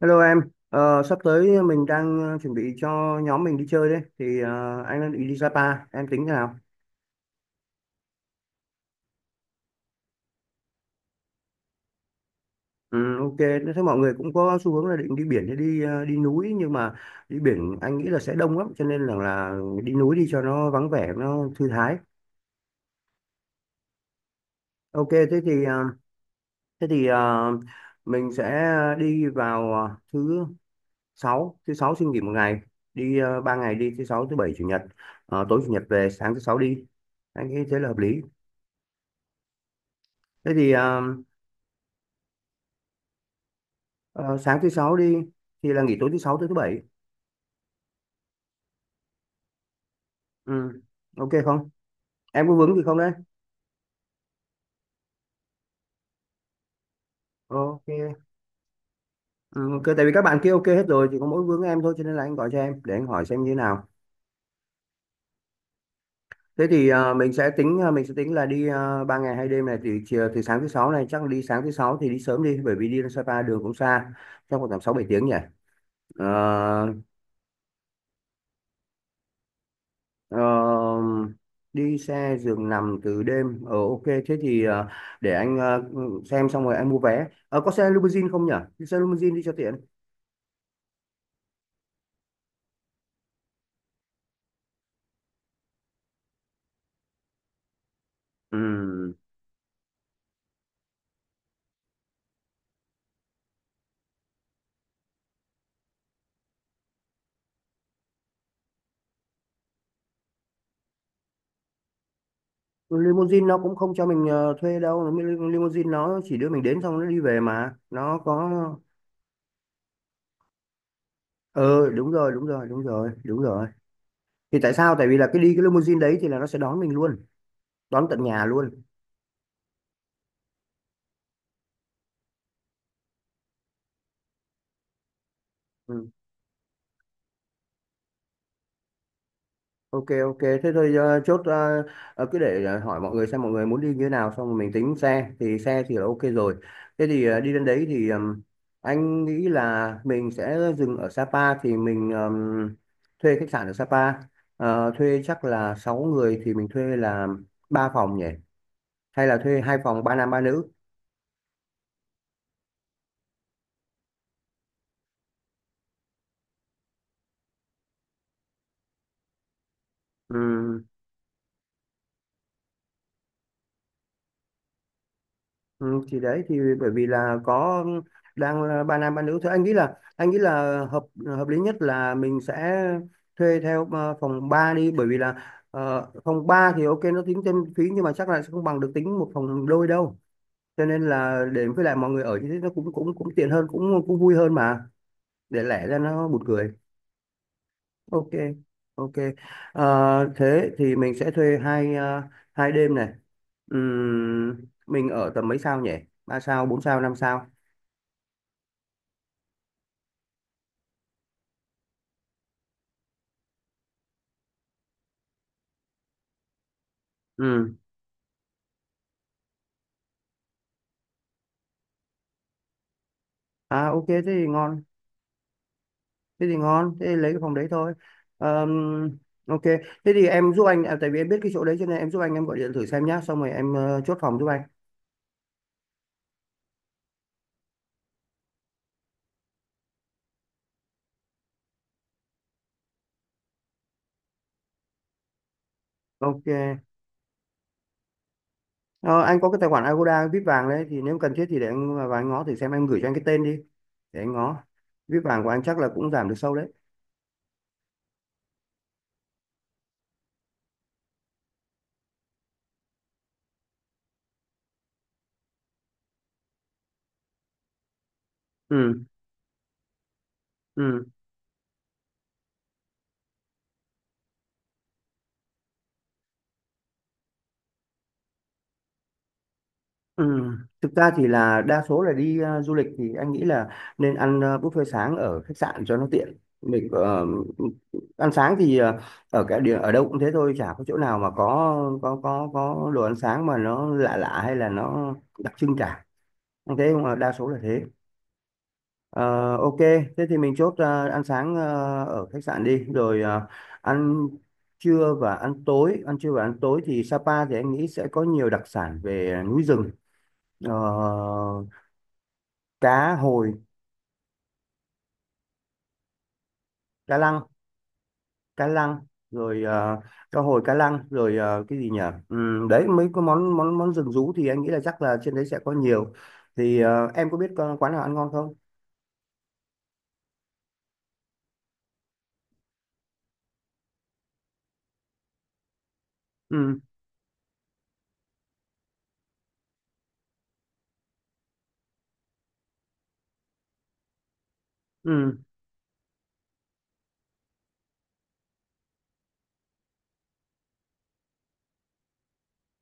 Hello em. Sắp tới mình đang chuẩn bị cho nhóm mình đi chơi đấy, thì anh đang định đi Sapa, em tính thế nào? Ừ, ok, thế mọi người cũng có xu hướng là định đi biển hay đi đi núi, nhưng mà đi biển anh nghĩ là sẽ đông lắm, cho nên là đi núi đi cho nó vắng vẻ, nó thư thái. Ok, thế thì mình sẽ đi vào thứ sáu xin nghỉ một ngày, đi 3 ngày đi, thứ sáu, thứ bảy, chủ nhật. Tối chủ nhật về, sáng thứ sáu đi. Anh nghĩ thế là hợp lý. Thế thì Ờ, sáng thứ sáu đi thì là nghỉ tối thứ sáu tới thứ bảy. Ừ. Ok không, em có vướng gì không đấy? Ok. Ừ, ok, tại vì các bạn kia ok hết rồi, chỉ có mỗi vướng em thôi, cho nên là anh gọi cho em để anh hỏi xem như thế nào. Thế thì mình sẽ tính là đi 3 ngày 2 đêm này, thì chiều từ sáng thứ sáu này chắc là đi, sáng thứ sáu thì đi sớm đi, bởi vì đi ra Sapa đường cũng xa, chắc khoảng tầm sáu bảy tiếng nhỉ? Ờ, Ờ, Đi xe giường nằm từ đêm, ok. Thế thì để anh xem, xong rồi anh mua vé. Ờ, có xe limousine không nhỉ? Đi xe limousine đi cho tiện. Ừm, Limousine nó cũng không cho mình thuê đâu. Limousine nó chỉ đưa mình đến xong nó đi về, mà nó có. Ờ Đúng rồi, đúng rồi, đúng rồi, đúng rồi. Thì tại sao, tại vì là cái đi cái limousine đấy thì là nó sẽ đón mình luôn, đón tận nhà luôn. Ok, ok, thế thôi. Ờ, Chốt. Ờ, Cứ để hỏi mọi người xem mọi người muốn đi như thế nào, xong rồi mình tính xe, thì xe thì là ok rồi. Thế thì đi đến đấy thì anh nghĩ là mình sẽ dừng ở Sapa, thì mình thuê khách sạn ở Sapa. Thuê chắc là 6 người thì mình thuê là ba phòng nhỉ? Hay là thuê hai phòng, ba nam ba nữ? Ừ, thì đấy thì bởi vì là có, đang là ba nam ba nữ thôi, anh nghĩ là hợp hợp lý nhất là mình sẽ thuê theo phòng 3 đi, bởi vì là phòng 3 thì ok nó tính thêm phí, nhưng mà chắc là sẽ không bằng được tính một phòng đôi đâu. Cho nên là để, với lại mọi người ở như thế nó cũng cũng cũng tiện hơn, cũng cũng vui hơn mà, để lẻ ra nó buồn cười. Ok, ok. Thế thì mình sẽ thuê hai đêm này. Mình ở tầm mấy sao nhỉ? Ba sao, bốn sao, năm sao? Ừ. À, ok thế thì ngon. Thế thì ngon, thế thì lấy cái phòng đấy thôi. Ờm, Ok. Thế thì em giúp anh à, tại vì em biết cái chỗ đấy cho nên em giúp anh. Em gọi điện thử xem nhá, xong rồi em chốt phòng giúp anh. Ok. Ờ, Anh có cái tài khoản Agoda VIP vàng đấy. Thì nếu cần thiết thì để anh à, vào anh ngó thử xem. Em gửi cho anh cái tên đi, để anh ngó. VIP vàng của anh chắc là cũng giảm được sâu đấy. Ừ. Ừ. Ừ. Thực ra thì là đa số là đi du lịch thì anh nghĩ là nên ăn buffet sáng ở khách sạn cho nó tiện. Mình ăn sáng thì ở cái địa, ở đâu cũng thế thôi, chả có chỗ nào mà có đồ ăn sáng mà nó lạ lạ hay là nó đặc trưng cả. Anh thấy không? Đa số là thế. Ờ, ok, thế thì mình chốt ăn sáng ở khách sạn đi, rồi ăn trưa và ăn tối. Ăn trưa và ăn tối thì Sapa thì anh nghĩ sẽ có nhiều đặc sản về núi rừng. Ờ, Cá hồi, cá lăng, cá lăng rồi ờ, cá hồi cá lăng rồi ờ, cái gì nhỉ? Đấy, mấy cái món món món rừng rú thì anh nghĩ là chắc là trên đấy sẽ có nhiều, thì em có biết quán nào ăn ngon không? Ừ. Ừ.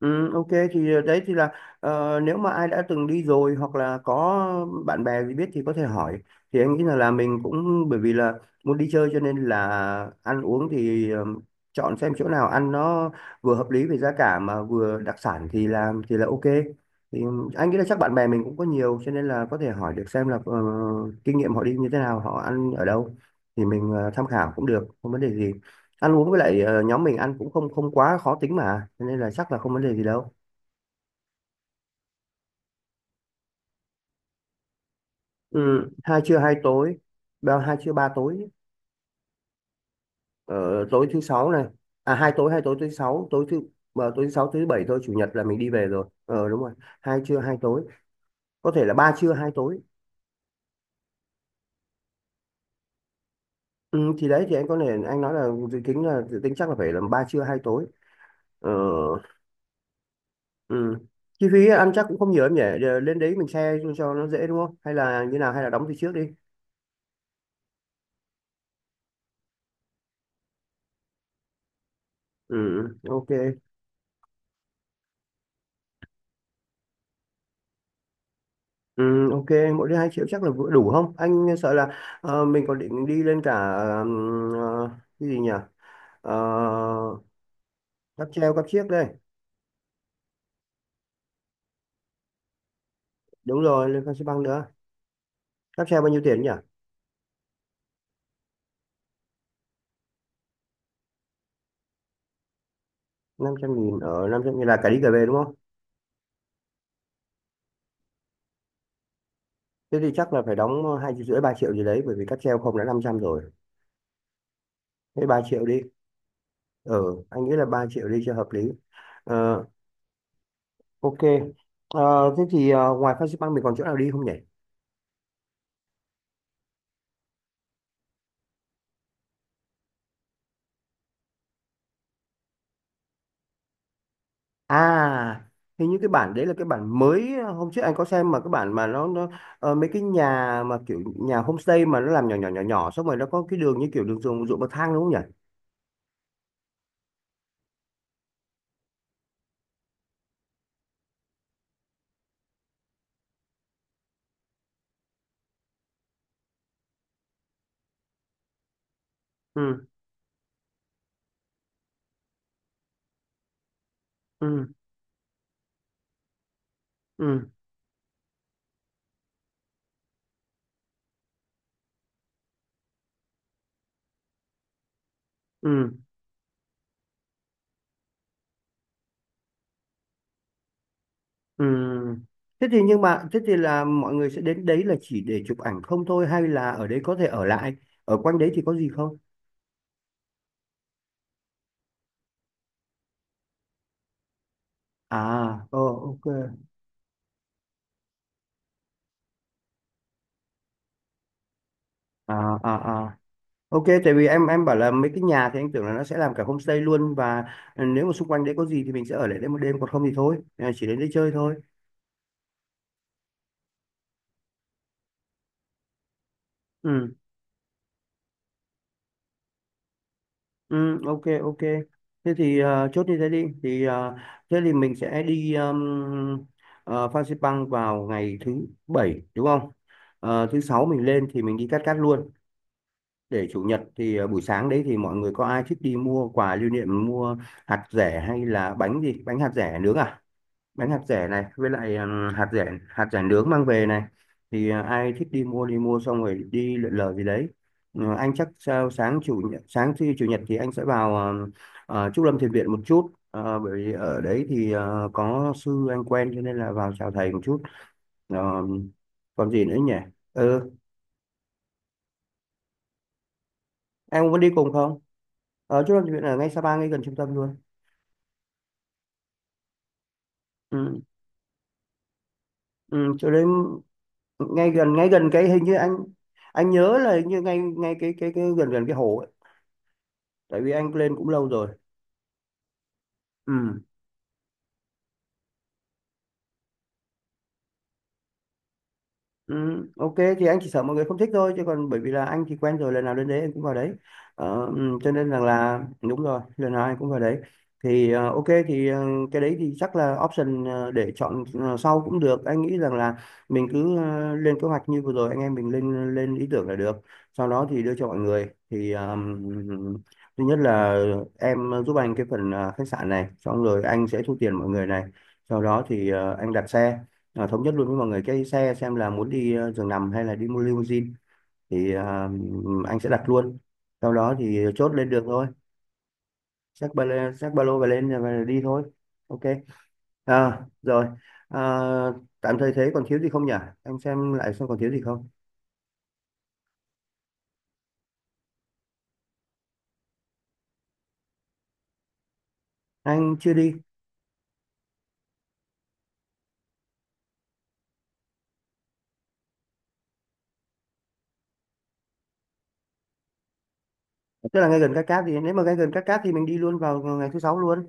Ừ, ok thì đấy thì là nếu mà ai đã từng đi rồi hoặc là có bạn bè gì biết thì có thể hỏi. Thì anh nghĩ là mình cũng, bởi vì là muốn đi chơi cho nên là ăn uống thì chọn xem chỗ nào ăn nó vừa hợp lý về giá cả mà vừa đặc sản thì là ok. Thì anh nghĩ là chắc bạn bè mình cũng có nhiều, cho nên là có thể hỏi được xem là kinh nghiệm họ đi như thế nào, họ ăn ở đâu, thì mình tham khảo cũng được, không vấn đề gì. Ăn uống với lại nhóm mình ăn cũng không không quá khó tính mà, cho nên là chắc là không vấn đề gì đâu. Ừ, hai trưa hai tối. Ba, hai trưa ba tối. Ờ, Tối thứ sáu này. À, hai tối thứ sáu, tối thứ sáu, thứ bảy thôi, chủ nhật là mình đi về rồi. Ờ Đúng rồi, hai trưa hai tối, có thể là ba trưa hai tối. Ừ, thì đấy thì anh có thể, anh nói là dự tính chắc là phải là ba trưa hai tối. ờ, ừ. Chi phí ăn chắc cũng không nhiều em nhỉ? Lên đấy mình share cho nó dễ đúng không, hay là như nào, hay là đóng từ trước đi. Ừ. Ừ, ok. Ừ, ok, mỗi đứa 2 triệu chắc là vừa đủ không? Anh sợ là mình còn định đi lên cả cái gì nhỉ? Uh, Cáp treo, cáp chiếc đây. Đúng rồi, lên Phan Xi Păng nữa. Cáp treo bao nhiêu tiền nhỉ? 500.000? Ở, 500.000 là cả đi cả về đúng không? Thế thì chắc là phải đóng 2,5 triệu, 3 triệu gì đấy, bởi vì cáp treo không đã 500 rồi. Thế 3 triệu đi. Ừ, anh nghĩ là 3 triệu đi cho hợp lý. Ờ, ok. Thế thì ngoài Phan Xi Păng mình còn chỗ nào đi không nhỉ? À, hình như cái bản đấy là cái bản mới, hôm trước anh có xem mà, cái bản mà nó, mấy cái nhà mà kiểu nhà homestay mà nó làm nhỏ nhỏ xong rồi nó có cái đường như kiểu đường ruộng ruộng bậc thang đúng không nhỉ? Ừ, ừ, ừ, ừ, ừ. Thế thì, nhưng mà thế thì là mọi người sẽ đến đấy là chỉ để chụp ảnh không thôi, hay là ở đấy có thể ở lại? Ở quanh đấy thì có gì không? À, ok. À, à, à, ok, tại vì em bảo là mấy cái nhà thì anh tưởng là nó sẽ làm cả homestay luôn, và nếu mà xung quanh đấy có gì thì mình sẽ ở lại đấy một đêm, còn không thì thôi, à, chỉ đến đây chơi thôi. Ừ, ừ, ok, ok. Thế thì chốt như thế đi. Thế thì mình sẽ đi Phan Xipang vào ngày thứ bảy đúng không? Thứ sáu mình lên thì mình đi Cát Cát luôn. Để chủ nhật thì buổi sáng đấy thì mọi người có ai thích đi mua quà lưu niệm, mua hạt dẻ hay là bánh gì? Bánh hạt dẻ nướng à? Bánh hạt rẻ này, với lại hạt rẻ nướng mang về này, thì ai thích đi mua xong rồi đi lượn lờ gì đấy. Ừ, anh chắc sao, sáng chủ nhật, sáng thứ chủ nhật thì anh sẽ vào Trúc Lâm Thiền Viện một chút. Ờ, Bởi vì ở đấy thì có sư anh quen, cho nên là vào chào thầy một chút. Ờ, Còn gì nữa nhỉ? Ừ, em muốn đi cùng không? Ở Trúc Lâm Thiền Viện ở ngay Sapa, ngay gần trung tâm luôn. Ừ. Ừ, chỗ đấy ngay gần cái, hình như anh nhớ là hình như ngay ngay cái gần gần cái hồ ấy. Tại vì anh lên cũng lâu rồi. Ừ. Ừ, ok thì anh chỉ sợ mọi người không thích thôi, chứ còn bởi vì là anh thì quen rồi, lần nào lên đấy anh cũng vào đấy. Ừ, cho nên rằng là đúng rồi, lần nào anh cũng vào đấy. Thì ok, thì cái đấy thì chắc là option, để chọn sau cũng được, anh nghĩ rằng là mình cứ lên kế hoạch như vừa rồi, anh em mình lên lên ý tưởng là được. Sau đó thì đưa cho mọi người, thì thứ nhất là em giúp anh cái phần khách sạn này, xong rồi anh sẽ thu tiền mọi người này. Sau đó thì anh đặt xe, à, thống nhất luôn với mọi người cái xe xem là muốn đi giường nằm hay là đi mua limousine, thì à, anh sẽ đặt luôn, sau đó thì chốt lên đường thôi. Xách ba lô, xách ba lô và lên và đi thôi. Ok. À, rồi. À, tạm thời thế còn thiếu gì không nhỉ, anh xem lại xem còn thiếu gì không. Anh chưa đi. Tức là ngay gần Cát Cát thì, nếu mà ngay gần Cát Cát thì mình đi luôn vào ngày thứ sáu luôn.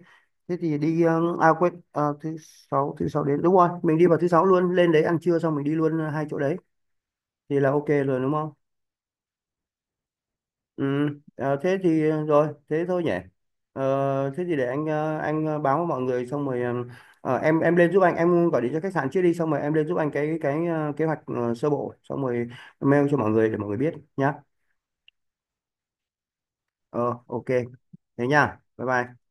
Thế thì đi à quên, thứ sáu, thứ sáu đến đúng rồi, mình đi vào thứ sáu luôn, lên đấy ăn trưa xong mình đi luôn hai chỗ đấy thì là ok rồi đúng không? Ừ, à, thế thì rồi, thế thôi nhỉ. Thế thì để anh báo với mọi người, xong rồi em lên giúp anh, em gọi điện cho khách sạn trước đi, xong rồi em lên giúp anh cái kế hoạch sơ bộ, xong rồi mail cho mọi người để mọi người biết nhá. Ờ ok, thế nha. Bye bye.